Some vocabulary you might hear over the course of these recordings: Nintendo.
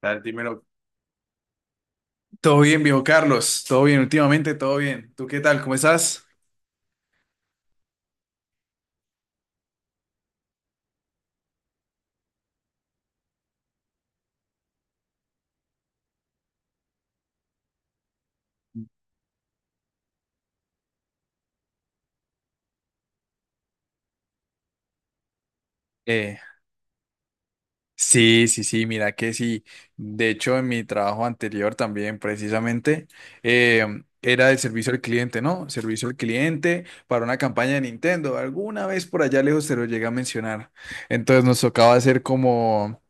Dale, dímelo. Todo bien, viejo Carlos. Todo bien, últimamente, todo bien. ¿Tú qué tal? ¿Cómo estás? Eh, sí, sí, sí, mira que sí. De hecho, en mi trabajo anterior también, precisamente, era el servicio al cliente, ¿no? Servicio al cliente para una campaña de Nintendo. Alguna vez por allá lejos se lo llegué a mencionar. Entonces nos tocaba hacer como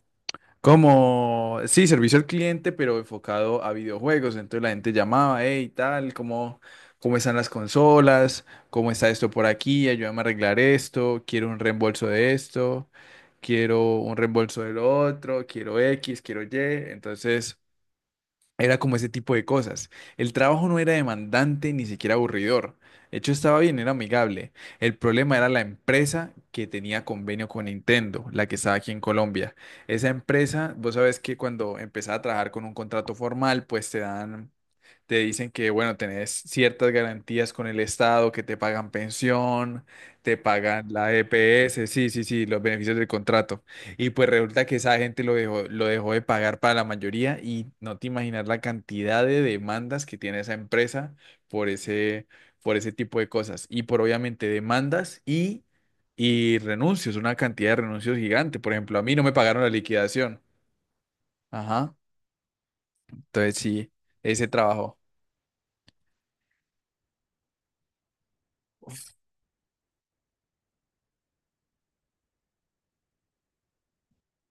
Como, sí, servicio al cliente, pero enfocado a videojuegos. Entonces la gente llamaba, hey, tal, ¿cómo están las consolas? ¿Cómo está esto por aquí? Ayúdame a arreglar esto. Quiero un reembolso de esto. Quiero un reembolso del otro. Quiero X, quiero Y. Entonces, era como ese tipo de cosas. El trabajo no era demandante ni siquiera aburridor. De hecho, estaba bien, era amigable. El problema era la empresa que tenía convenio con Nintendo, la que estaba aquí en Colombia. Esa empresa, vos sabés que cuando empezás a trabajar con un contrato formal, pues te dicen que, bueno, tenés ciertas garantías con el Estado, que te pagan pensión, te pagan la EPS, sí, sí, sí, los beneficios del contrato. Y pues resulta que esa gente lo dejó de pagar para la mayoría y no te imaginas la cantidad de demandas que tiene esa empresa por ese, por ese tipo de cosas. Y por obviamente demandas y renuncios, una cantidad de renuncios gigante. Por ejemplo, a mí no me pagaron la liquidación. Ajá. Entonces sí, ese trabajo.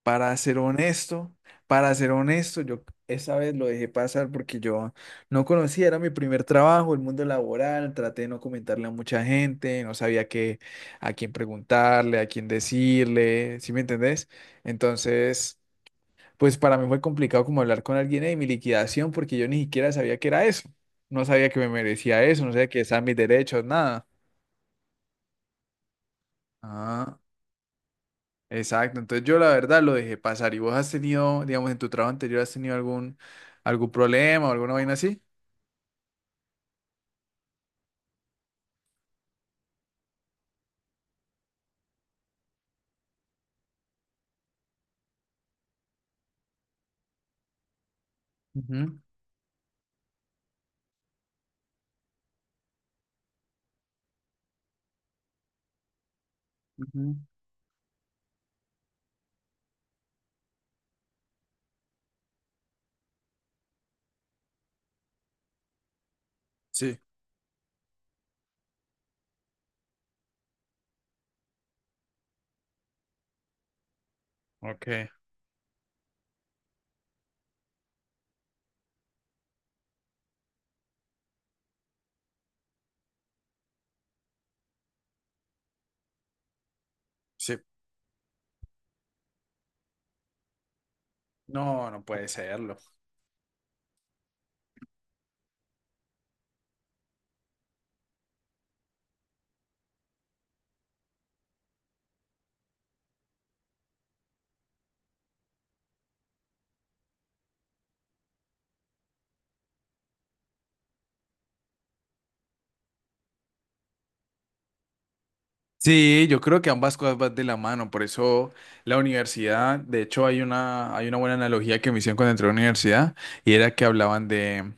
Para ser honesto, para ser honesto, yo esa vez lo dejé pasar porque yo no conocía, era mi primer trabajo, el mundo laboral, traté de no comentarle a mucha gente, no sabía qué, a quién preguntarle, a quién decirle, ¿sí me entendés? Entonces, pues para mí fue complicado como hablar con alguien de mi liquidación porque yo ni siquiera sabía que era eso, no sabía que me merecía eso, no sabía que estaban mis derechos, nada. Ah. Exacto, entonces yo la verdad lo dejé pasar. ¿Y vos has tenido, digamos, en tu trabajo anterior, has tenido algún, algún problema o alguna vaina así? Ujú, ujú. Sí. Ok. Sí. No, no puede serlo. Sí, yo creo que ambas cosas van de la mano, por eso la universidad, de hecho hay hay una buena analogía que me hicieron cuando entré a la universidad y era que hablaban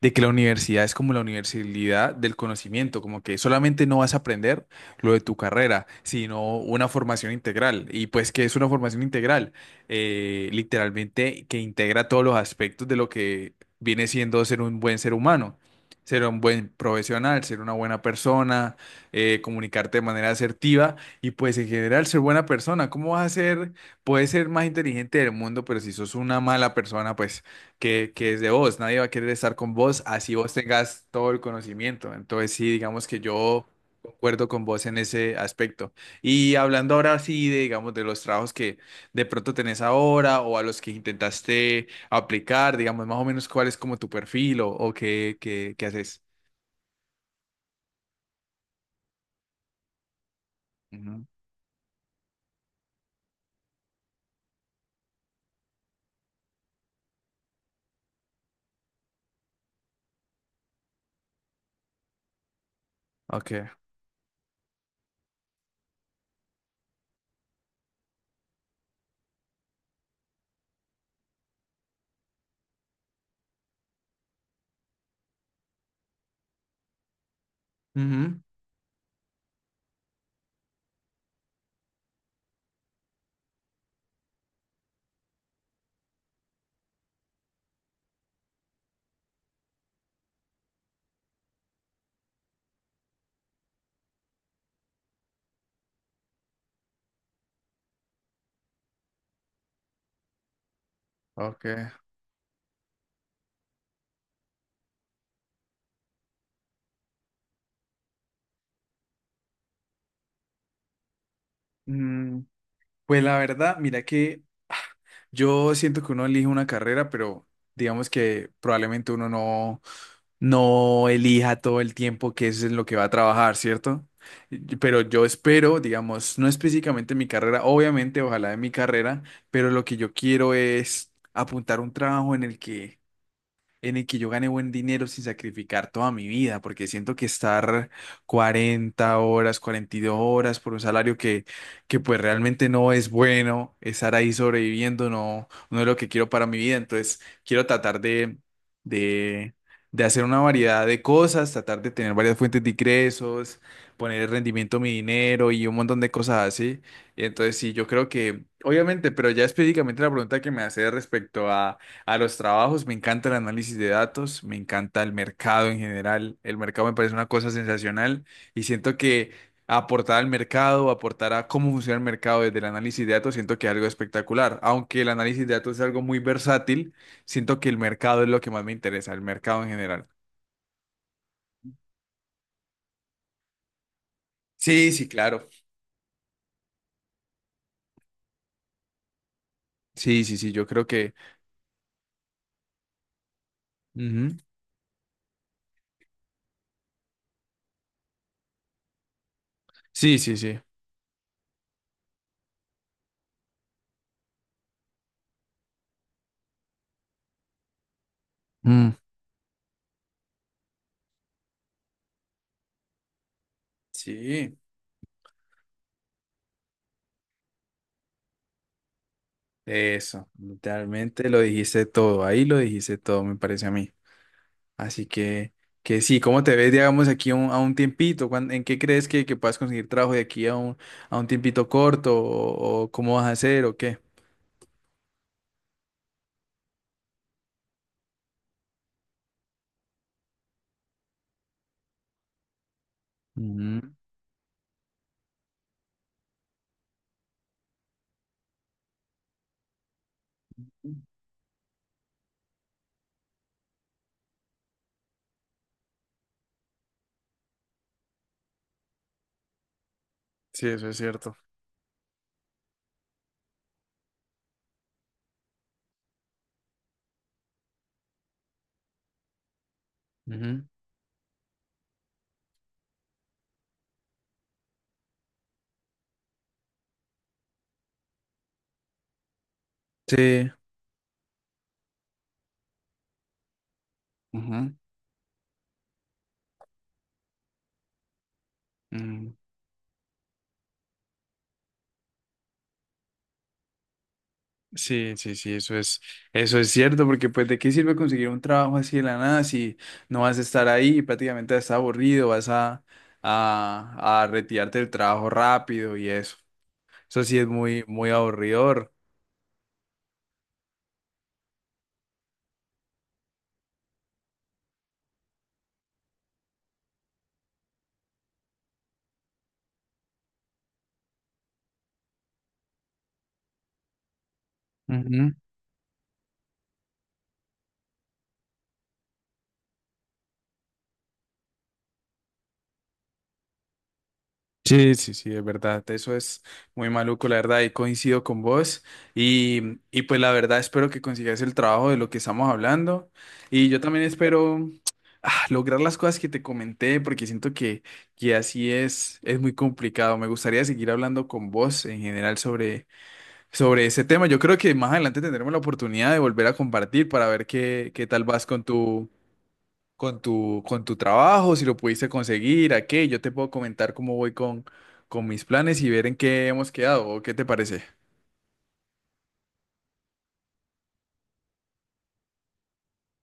de que la universidad es como la universalidad del conocimiento, como que solamente no vas a aprender lo de tu carrera, sino una formación integral. Y pues, ¿que es una formación integral? Literalmente que integra todos los aspectos de lo que viene siendo ser un buen ser humano. Ser un buen profesional, ser una buena persona, comunicarte de manera asertiva y pues en general ser buena persona. ¿Cómo vas a ser? Puedes ser más inteligente del mundo, pero si sos una mala persona, pues que es de vos. Nadie va a querer estar con vos así vos tengas todo el conocimiento. Entonces, sí, digamos que yo concuerdo con vos en ese aspecto. Y hablando ahora sí de, digamos, de los trabajos que de pronto tenés ahora o a los que intentaste aplicar, digamos, más o menos cuál es como tu perfil o qué, qué, qué haces. Ujú. Ok. Ujú. Ok. Mm, pues la verdad, mira que yo siento que uno elige una carrera, pero digamos que probablemente uno no, no elija todo el tiempo que es en lo que va a trabajar, ¿cierto? Y- pero yo espero, digamos, no específicamente mi carrera, obviamente, ojalá de mi carrera, pero lo que yo quiero es apuntar un trabajo en el que yo gane buen dinero sin sacrificar toda mi vida, porque siento que estar 40 horas, 42 horas por un salario que pues realmente no es bueno, estar ahí sobreviviendo no, no es lo que quiero para mi vida, entonces quiero tratar de, de hacer una variedad de cosas, tratar de tener varias fuentes de ingresos, poner el rendimiento a mi dinero y un montón de cosas así. Entonces sí, yo creo que, obviamente, pero ya específicamente la pregunta que me hace respecto a los trabajos, me encanta el análisis de datos, me encanta el mercado en general. El mercado me parece una cosa sensacional y siento que aportar al mercado, aportar a cómo funciona el mercado desde el análisis de datos, siento que es algo espectacular. Aunque el análisis de datos es algo muy versátil, siento que el mercado es lo que más me interesa, el mercado en general. Sí, sí, claro. Sí, sí, sí, yo creo que... Ujú. Sí, sí, sí. Mm. Sí, eso, literalmente lo dijiste todo, ahí lo dijiste todo, me parece a mí. Así que sí, ¿cómo te ves, digamos, aquí a un tiempito? ¿Cuán- ¿En qué crees que puedas conseguir trabajo de aquí a un tiempito corto? O cómo vas a hacer o qué? Ujú. Sí, eso es cierto. Ujú. Sí. Ujú. Mm. Sí, sí, sí, eso es cierto, porque pues de qué sirve conseguir un trabajo así de la nada si no vas a estar ahí, prácticamente vas a estar aburrido, vas a retirarte del trabajo rápido y eso. Eso sí es muy, muy aburridor. Sí, sí, sí, es verdad. Eso es muy maluco, la verdad, y coincido con vos. Y pues la verdad espero que consigas el trabajo de lo que estamos hablando. Y yo también espero lograr las cosas que te comenté, porque siento que así es muy complicado. Me gustaría seguir hablando con vos en general sobre, sobre ese tema. Yo creo que más adelante tendremos la oportunidad de volver a compartir para ver qué, qué tal vas con con tu trabajo, si lo pudiste conseguir, a qué. Yo te puedo comentar cómo voy con mis planes y ver en qué hemos quedado. ¿O qué te parece?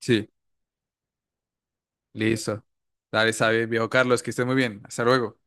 Sí, listo. Dale, sabe, viejo Carlos, que estés muy bien. Hasta luego.